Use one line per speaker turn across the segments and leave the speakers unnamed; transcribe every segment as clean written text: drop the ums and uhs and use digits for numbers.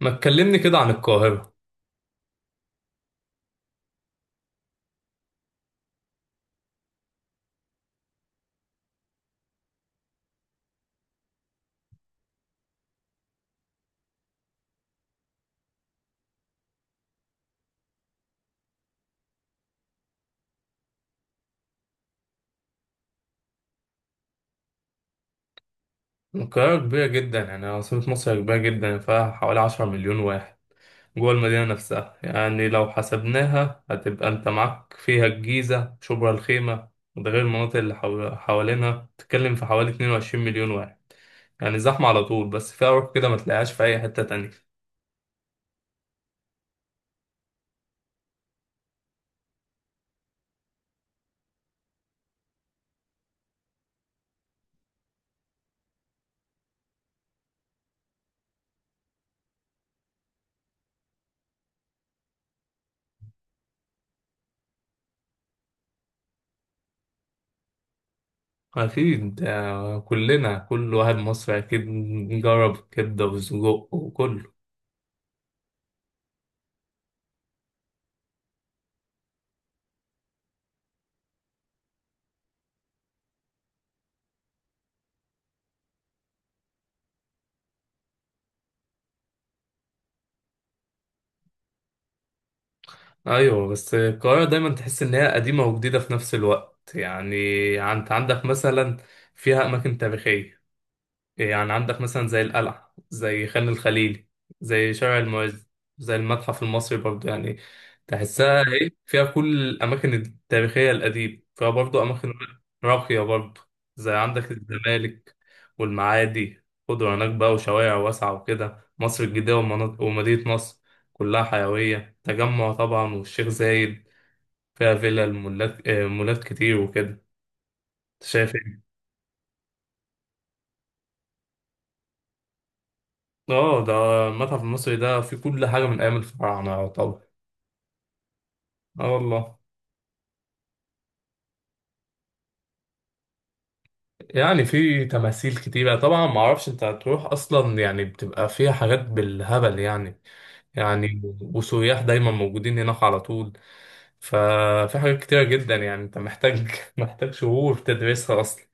ما تكلمني كده عن القاهرة كبيرة جدا، يعني عاصمة مصر كبيرة جدا، فيها حوالي 10 مليون واحد جوه المدينة نفسها. يعني لو حسبناها هتبقى انت معاك فيها الجيزة، شبرا الخيمة، وده غير المناطق اللي حوالينها، تتكلم في حوالي 22 مليون واحد. يعني زحمة على طول، بس فيها روح كده ما تلاقيهاش في أي حتة تانية. أكيد آه، كلنا كل واحد مصري أكيد جرب كبدة وسجق وكله. ايوه، بس القاهره دايما تحس ان هي قديمه وجديده في نفس الوقت. يعني انت عندك مثلا فيها اماكن تاريخيه، يعني عندك مثلا زي القلعة، زي خان الخليلي، زي شارع المعز، زي المتحف المصري برضو. يعني تحسها ايه، فيها كل الأماكن التاريخية القديمة، فيها برضو أماكن راقية برضو، زي عندك الزمالك والمعادي، خضرة هناك بقى وشوارع واسعة وكده، مصر الجديدة ومدينة نصر كلها حيوية تجمع طبعا، والشيخ زايد فيها فيلا المولات، مولات كتير وكده. انت شايف إيه؟ اه ده المتحف المصري ده فيه كل حاجة من أيام الفراعنة طبعا. اه والله. يعني في تماثيل كتيرة طبعا، ما اعرفش انت هتروح اصلا يعني، بتبقى فيها حاجات بالهبل يعني، يعني وسياح دايما موجودين هناك على طول. ففي حاجات كتيرة جدا، يعني انت محتاج محتاج شهور تدرسها اصلا.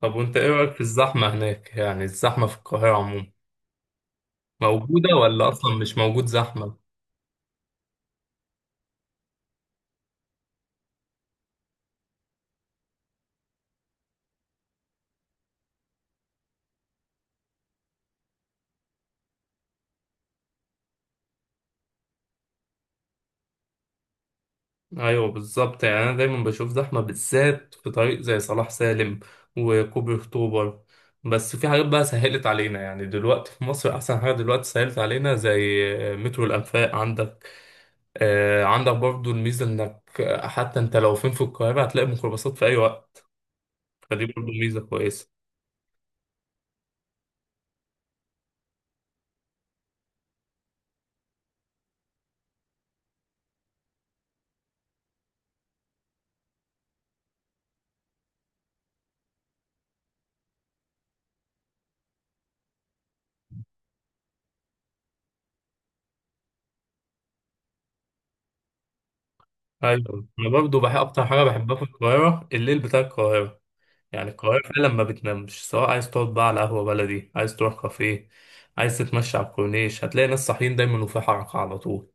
طب وانت ايه رأيك في الزحمة هناك، يعني الزحمة في القاهرة عموما موجودة ولا اصلا مش موجود زحمة؟ ايوه بالظبط، يعني انا دايما بشوف زحمه بالذات في طريق زي صلاح سالم وكوبري اكتوبر. بس في حاجات بقى سهلت علينا، يعني دلوقتي في مصر احسن حاجه دلوقتي سهلت علينا زي مترو الانفاق عندك. آه، عندك برضو الميزه انك حتى انت لو فين في القاهره هتلاقي ميكروباصات في اي وقت، فدي برضو ميزه كويسه. ايوه، انا برضو بحب اكتر حاجه بحبها في القاهره الليل بتاع القاهره. يعني القاهرة فعلا ما بتنامش، سواء عايز تقعد بقى على قهوة بلدي، عايز تروح كافيه، عايز تتمشى على الكورنيش، هتلاقي ناس صاحيين دايما وفي حركة على طول.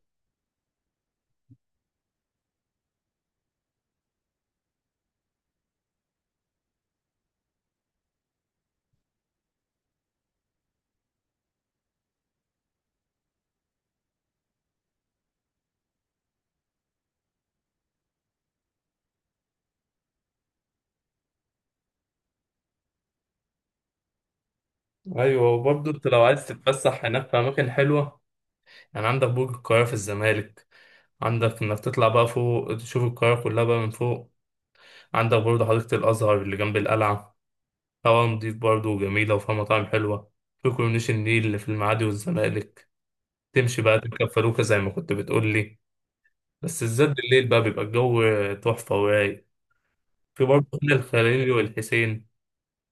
أيوة، وبرضه أنت لو عايز تتفسح هناك في أماكن حلوة، يعني عندك برج القاهرة في الزمالك، عندك إنك تطلع بقى فوق تشوف القاهرة كلها بقى من فوق. عندك برضه حديقة الأزهر اللي جنب القلعة، هوا نضيف برضه وجميلة وفيها مطاعم حلوة. في كورنيش النيل اللي في المعادي والزمالك، تمشي بقى تركب فلوكة زي ما كنت بتقولي، بس الزاد بالليل بقى بيبقى الجو تحفة ورايق. في برضه هنا الخليلي والحسين،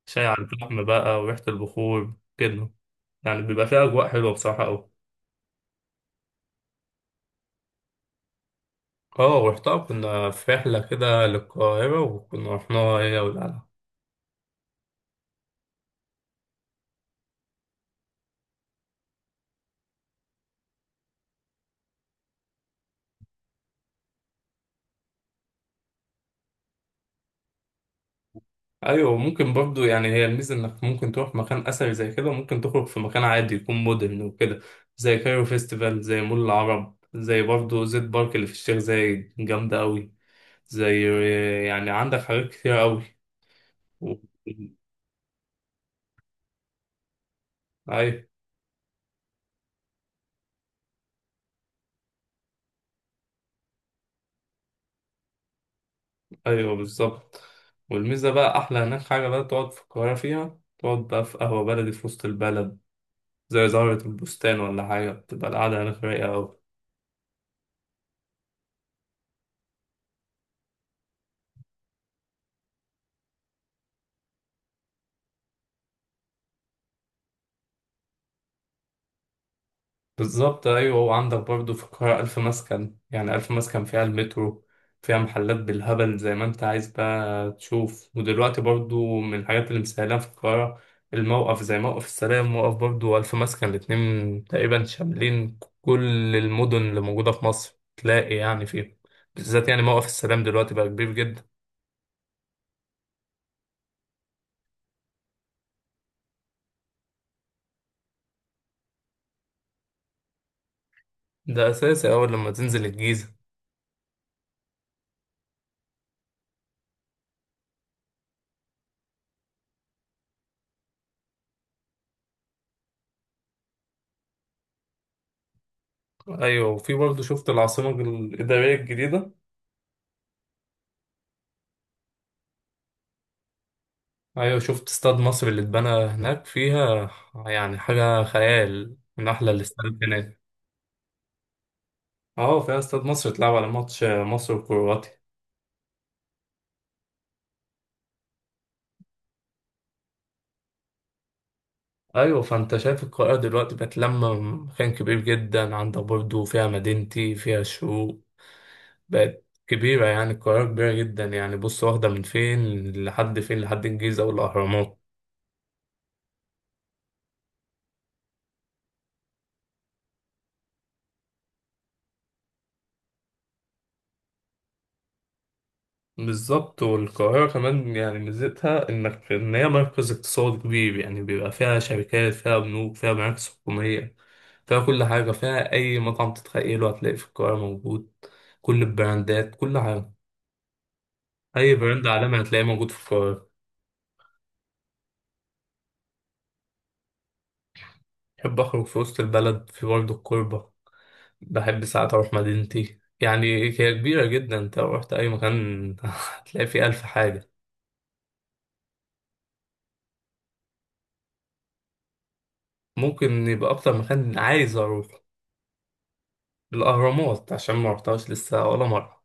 شاي على الفحم بقى وريحة البخور كده، يعني بيبقى فيها أجواء حلوة بصراحة أوي. اه رحتها، كنا في رحلة كده للقاهرة وكنا رحناها هي والعيلة. أيوة ممكن برضه، يعني هي الميزة إنك ممكن تروح مكان أثري زي كده، وممكن تخرج في مكان عادي يكون مودرن وكده، زي كايرو فيستيفال، زي مول العرب، زي برضه زيت بارك اللي في الشيخ زايد جامدة أوي، زي، يعني عندك حاجات كتير أوي. و... أيوة. ايوه بالظبط، والميزه بقى احلى هناك حاجه بقى تقعد في القاهره فيها، تقعد بقى في قهوه بلدي في وسط البلد زي زهره البستان ولا حاجه، بتبقى القعده هناك رايقه أوي. بالظبط أيوة، وعندك برضو في القاهرة ألف مسكن، يعني ألف مسكن فيها المترو، فيها محلات بالهبل زي ما أنت عايز بقى تشوف. ودلوقتي برضو من الحاجات اللي مسهلاها في القاهرة الموقف، زي موقف السلام، موقف برضو ألف مسكن الاتنين تقريبا شاملين كل المدن اللي موجودة في مصر تلاقي يعني فيه. بالذات يعني موقف السلام دلوقتي بقى كبير جدا. ده أساسي أول لما تنزل الجيزة. أيوة، وفي برضو شفت العاصمة الإدارية الجديدة. ايوه شفت استاد مصر اللي اتبنى هناك فيها، يعني حاجة خيال، من احلى الاستاد هناك. اه فيها استاد مصر اتلعب على ماتش مصر وكرواتيا. ايوه، فانت شايف القاهرة دلوقتي بقت لما مكان كبير جدا، عندك برضو فيها مدينتي، فيها الشروق، بقت كبيرة، يعني القاهرة كبيرة جدا. يعني بص واخدة من فين لحد فين، لحد الجيزة والأهرامات. بالظبط، والقاهرة كمان يعني ميزتها إنك إن هي مركز اقتصادي كبير، يعني بيبقى فيها شركات، فيها بنوك، فيها مراكز حكومية، فيها كل حاجة، فيها أي مطعم تتخيله هتلاقي في القاهرة موجود. كل البراندات كل حاجة، أي براند عالمي هتلاقيه موجود في القاهرة. بحب أخرج في وسط البلد، في برضه الكوربة، بحب ساعات أروح مدينتي. يعني هي كبيرة جدا، أنت لو رحت أي مكان هتلاقي فيه ألف حاجة. ممكن يبقى أكتر مكان عايز أروح الأهرامات، عشان ما رحتهاش لسه ولا مرة.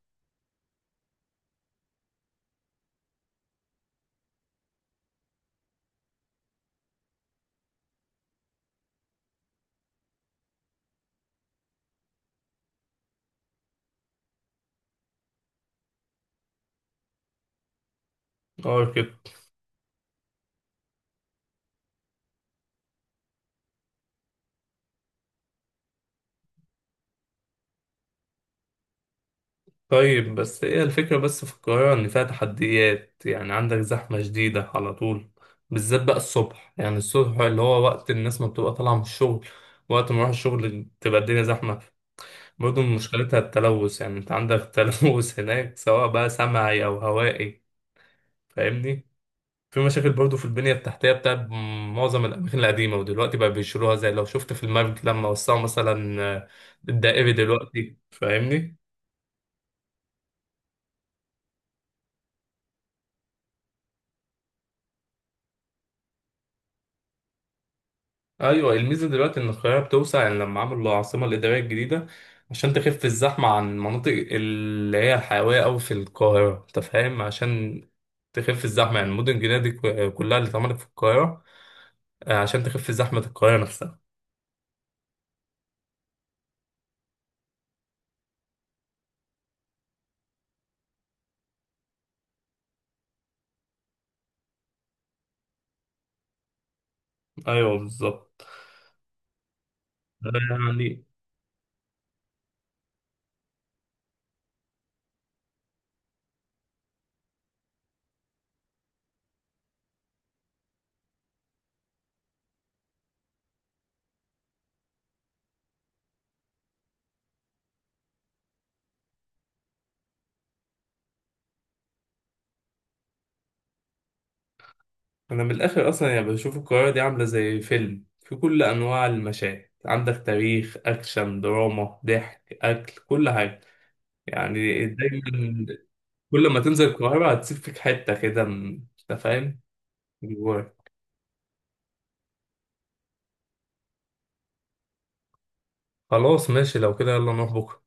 أه كده. طيب، بس هي الفكرة بس في القاهرة إن فيها تحديات، يعني عندك زحمة شديدة على طول، بالذات بقى الصبح، يعني الصبح اللي هو وقت الناس ما بتبقى طالعة من الشغل، وقت ما أروح الشغل تبقى الدنيا زحمة. برضه مشكلتها التلوث، يعني أنت عندك تلوث هناك سواء بقى سمعي أو هوائي، فاهمني. في مشاكل برضه في البنية التحتية بتاع معظم الأماكن القديمة، ودلوقتي بقى بيشيلوها زي لو شفت في المرج لما وسعوا مثلا، الدائري دلوقتي فاهمني. ايوه الميزه دلوقتي ان القاهره بتوسع، يعني لما عملوا العاصمه الاداريه الجديده عشان تخف الزحمه عن المناطق اللي هي الحيويه قوي في القاهره، انت فاهم، عشان تخف الزحمه. يعني المدن الجديده دي كلها اللي اتعملت في القاهره عشان تخف زحمه القاهره نفسها. ايوه بالظبط. يعني انا من الاخر اصلا يعني بشوف القاهره دي عامله زي فيلم، في كل انواع المشاهد، عندك تاريخ، اكشن، دراما، ضحك، اكل، كل حاجه. يعني دايما كل ما تنزل القاهرة هتسيب فيك حتة كده. انت فاهم جواك. خلاص ماشي، لو كده يلا نروح بكرة.